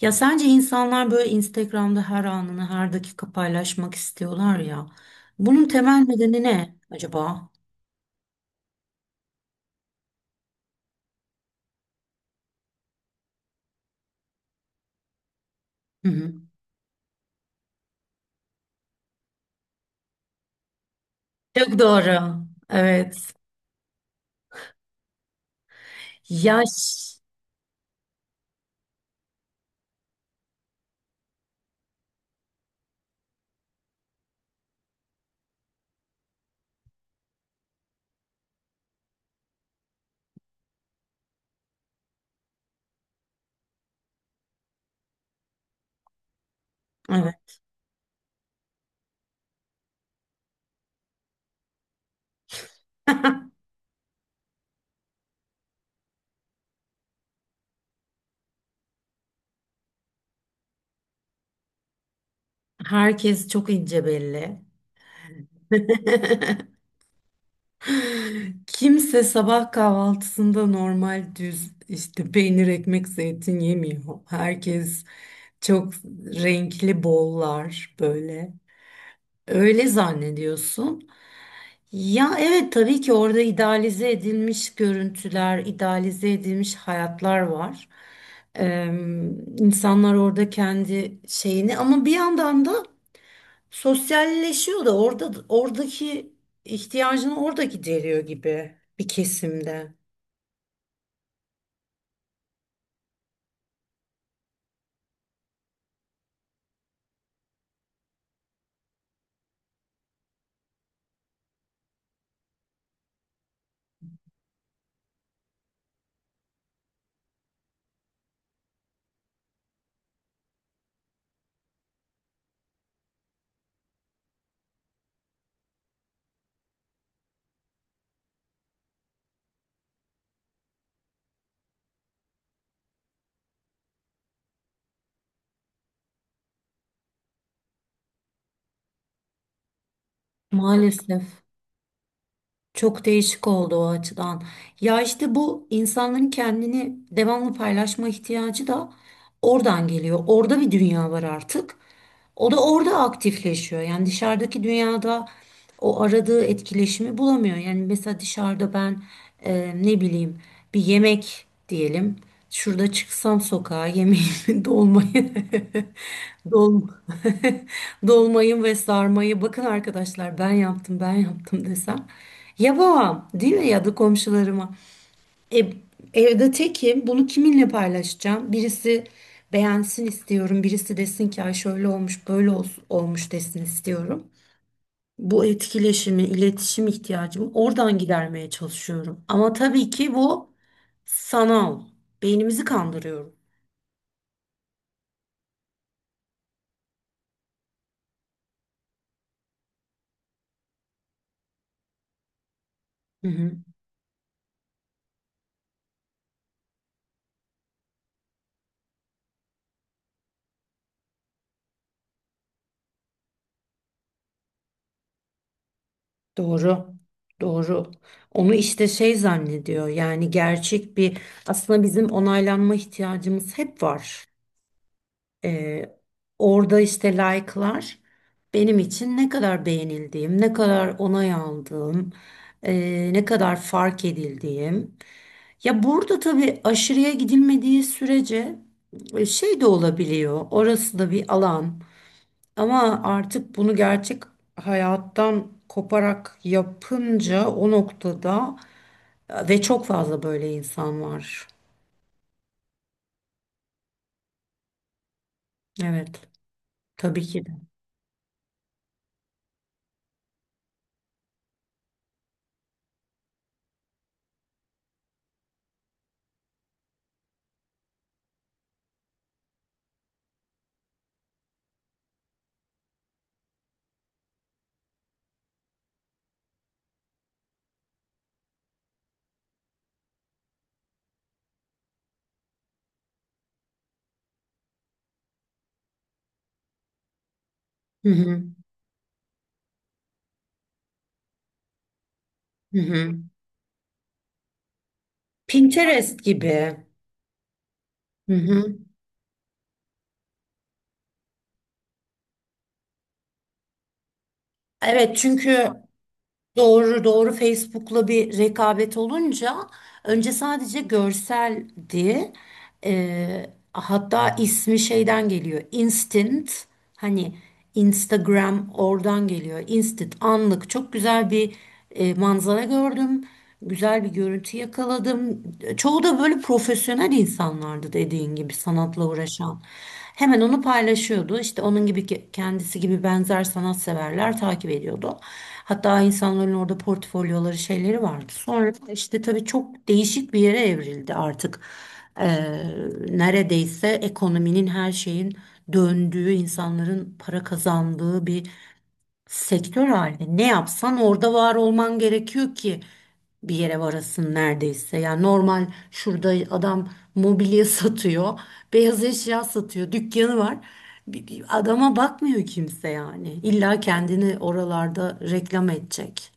Ya sence insanlar böyle Instagram'da her anını her dakika paylaşmak istiyorlar ya. Bunun temel nedeni ne acaba? Hı hı. Çok doğru. Evet. Yaş. Evet. Herkes çok ince belli. Kimse sabah kahvaltısında normal düz işte peynir, ekmek, zeytin yemiyor. Herkes çok renkli bollar böyle. Öyle zannediyorsun. Ya evet, tabii ki orada idealize edilmiş görüntüler, idealize edilmiş hayatlar var. Ee, insanlar orada kendi şeyini, ama bir yandan da sosyalleşiyor da orada, oradaki ihtiyacını orada gideriyor gibi bir kesimde. Maalesef. Çok değişik oldu o açıdan. Ya işte bu insanların kendini devamlı paylaşma ihtiyacı da oradan geliyor. Orada bir dünya var artık. O da orada aktifleşiyor. Yani dışarıdaki dünyada o aradığı etkileşimi bulamıyor. Yani mesela dışarıda ben ne bileyim, bir yemek diyelim. Şurada çıksam sokağa yemeğimi, dolmayı, dolma, dolmayı ve sarmayı, "Bakın arkadaşlar, ben yaptım, ben yaptım," desem. Ya yapamam, değil mi, ya da komşularıma. E, Evde tekim, bunu kiminle paylaşacağım? Birisi beğensin istiyorum, birisi desin ki, "Ay, şöyle olmuş, böyle olmuş desin istiyorum. Bu etkileşimi, iletişim ihtiyacımı oradan gidermeye çalışıyorum. Ama tabii ki bu sanal. Beynimizi kandırıyorum. Hı hı. Doğru. Doğru. Onu işte şey zannediyor. Yani gerçek bir, aslında bizim onaylanma ihtiyacımız hep var. Ee, orada işte like'lar, benim için ne kadar beğenildiğim, ne kadar onay aldığım, ne kadar fark edildiğim. Ya burada tabii, aşırıya gidilmediği sürece şey de olabiliyor. Orası da bir alan. Ama artık bunu gerçek hayattan koparak yapınca, o noktada ve çok fazla böyle insan var. Evet, tabii ki de. Hı hı. Hı hı. Pinterest gibi. Hı hı. Evet, çünkü doğru, doğru, Facebook'la bir rekabet olunca önce sadece görseldi. Ee, hatta ismi şeyden geliyor. Instant, hani Instagram oradan geliyor. Instant, anlık. Çok güzel bir manzara gördüm. Güzel bir görüntü yakaladım. Çoğu da böyle profesyonel insanlardı, dediğin gibi sanatla uğraşan. Hemen onu paylaşıyordu. İşte onun gibi, kendisi gibi benzer sanatseverler takip ediyordu. Hatta insanların orada portfolyoları, şeyleri vardı. Sonra işte tabii çok değişik bir yere evrildi artık. Ee, neredeyse ekonominin, her şeyin döndüğü, insanların para kazandığı bir sektör halinde. Ne yapsan orada var olman gerekiyor ki bir yere varasın neredeyse. Yani normal şurada adam mobilya satıyor, beyaz eşya satıyor, dükkanı var. Bir adama bakmıyor kimse yani. İlla kendini oralarda reklam edecek.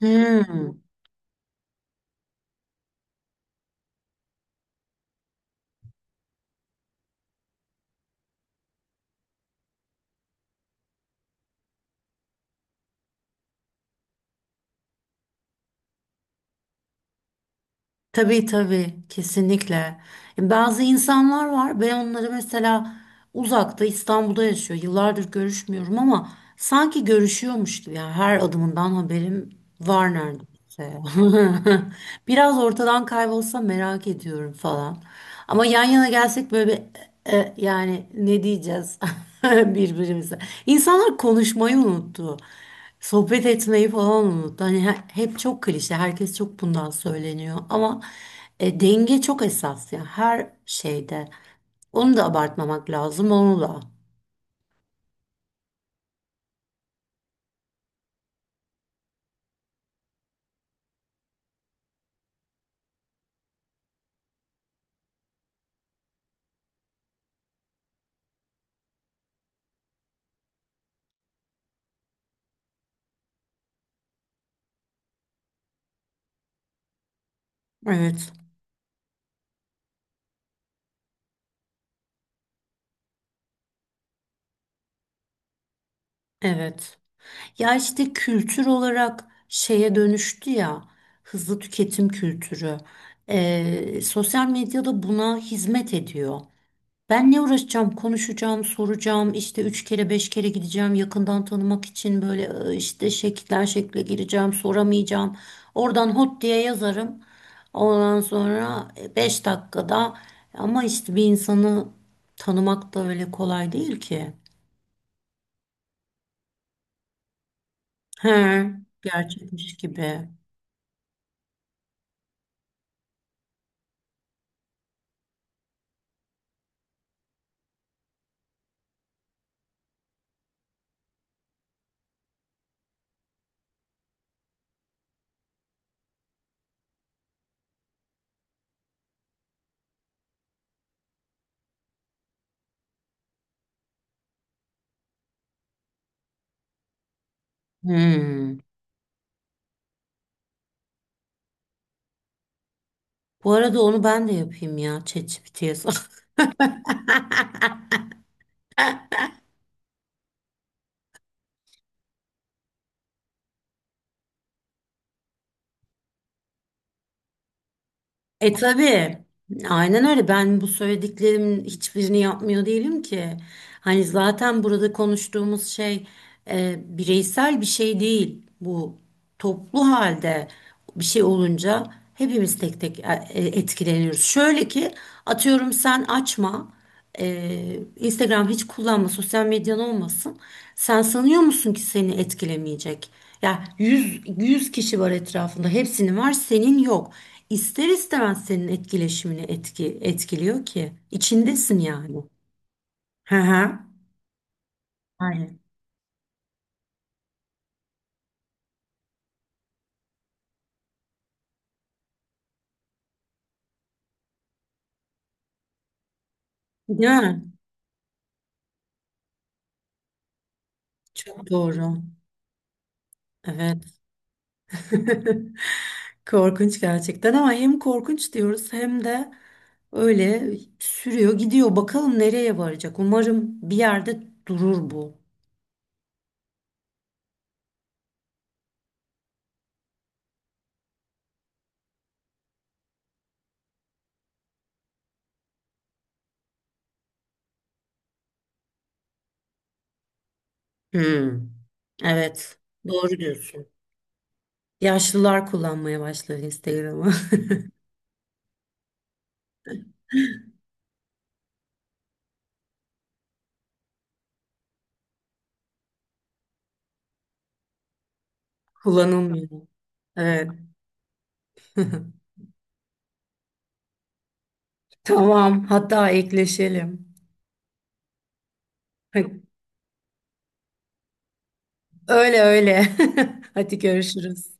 Hmm. Tabii, tabii, kesinlikle. Bazı insanlar var, ben onları mesela uzakta, İstanbul'da yaşıyor. Yıllardır görüşmüyorum ama sanki görüşüyormuş gibi, yani her adımından haberim var neredeyse. Biraz ortadan kaybolsa merak ediyorum falan. Ama yan yana gelsek böyle bir, yani ne diyeceğiz birbirimize. İnsanlar konuşmayı unuttu. Sohbet etmeyi falan unut. Hani hep çok klişe, herkes çok bundan söyleniyor ama denge çok esas ya, her şeyde. Onu da abartmamak lazım, onu da. Evet, evet. Ya işte kültür olarak şeye dönüştü ya, hızlı tüketim kültürü. Sosyal medyada buna hizmet ediyor. Ben ne uğraşacağım? Konuşacağım, soracağım, işte üç kere, beş kere gideceğim yakından tanımak için, böyle işte şekilden şekle gireceğim, soramayacağım. Oradan hot diye yazarım. Ondan sonra beş dakikada, ama işte bir insanı tanımak da öyle kolay değil ki. He, gerçekmiş gibi. Hmm. Bu arada onu ben de yapayım ya, ChatGPT'ye sor. E tabii. Aynen öyle. Ben bu söylediklerimin hiçbirini yapmıyor değilim ki. Hani zaten burada konuştuğumuz şey bireysel bir şey değil. Bu toplu halde bir şey olunca hepimiz tek tek etkileniyoruz. Şöyle ki, atıyorum, sen açma. Instagram hiç kullanma, sosyal medyan olmasın. Sen sanıyor musun ki seni etkilemeyecek? Ya yüz, 100 kişi var etrafında, hepsinin var, senin yok. İster istemez senin etkileşimini etkiliyor ki. İçindesin yani. Hı hı. Aynen. Değil mi? Çok doğru. Evet. Korkunç gerçekten, ama hem korkunç diyoruz, hem de öyle sürüyor gidiyor. Bakalım nereye varacak. Umarım bir yerde durur bu. Hmm, evet. Doğru diyorsun. Yaşlılar kullanmaya başlar Instagram'ı. Kullanılmıyor. Evet. Tamam. Hatta ekleşelim. Öyle, öyle. Hadi, görüşürüz.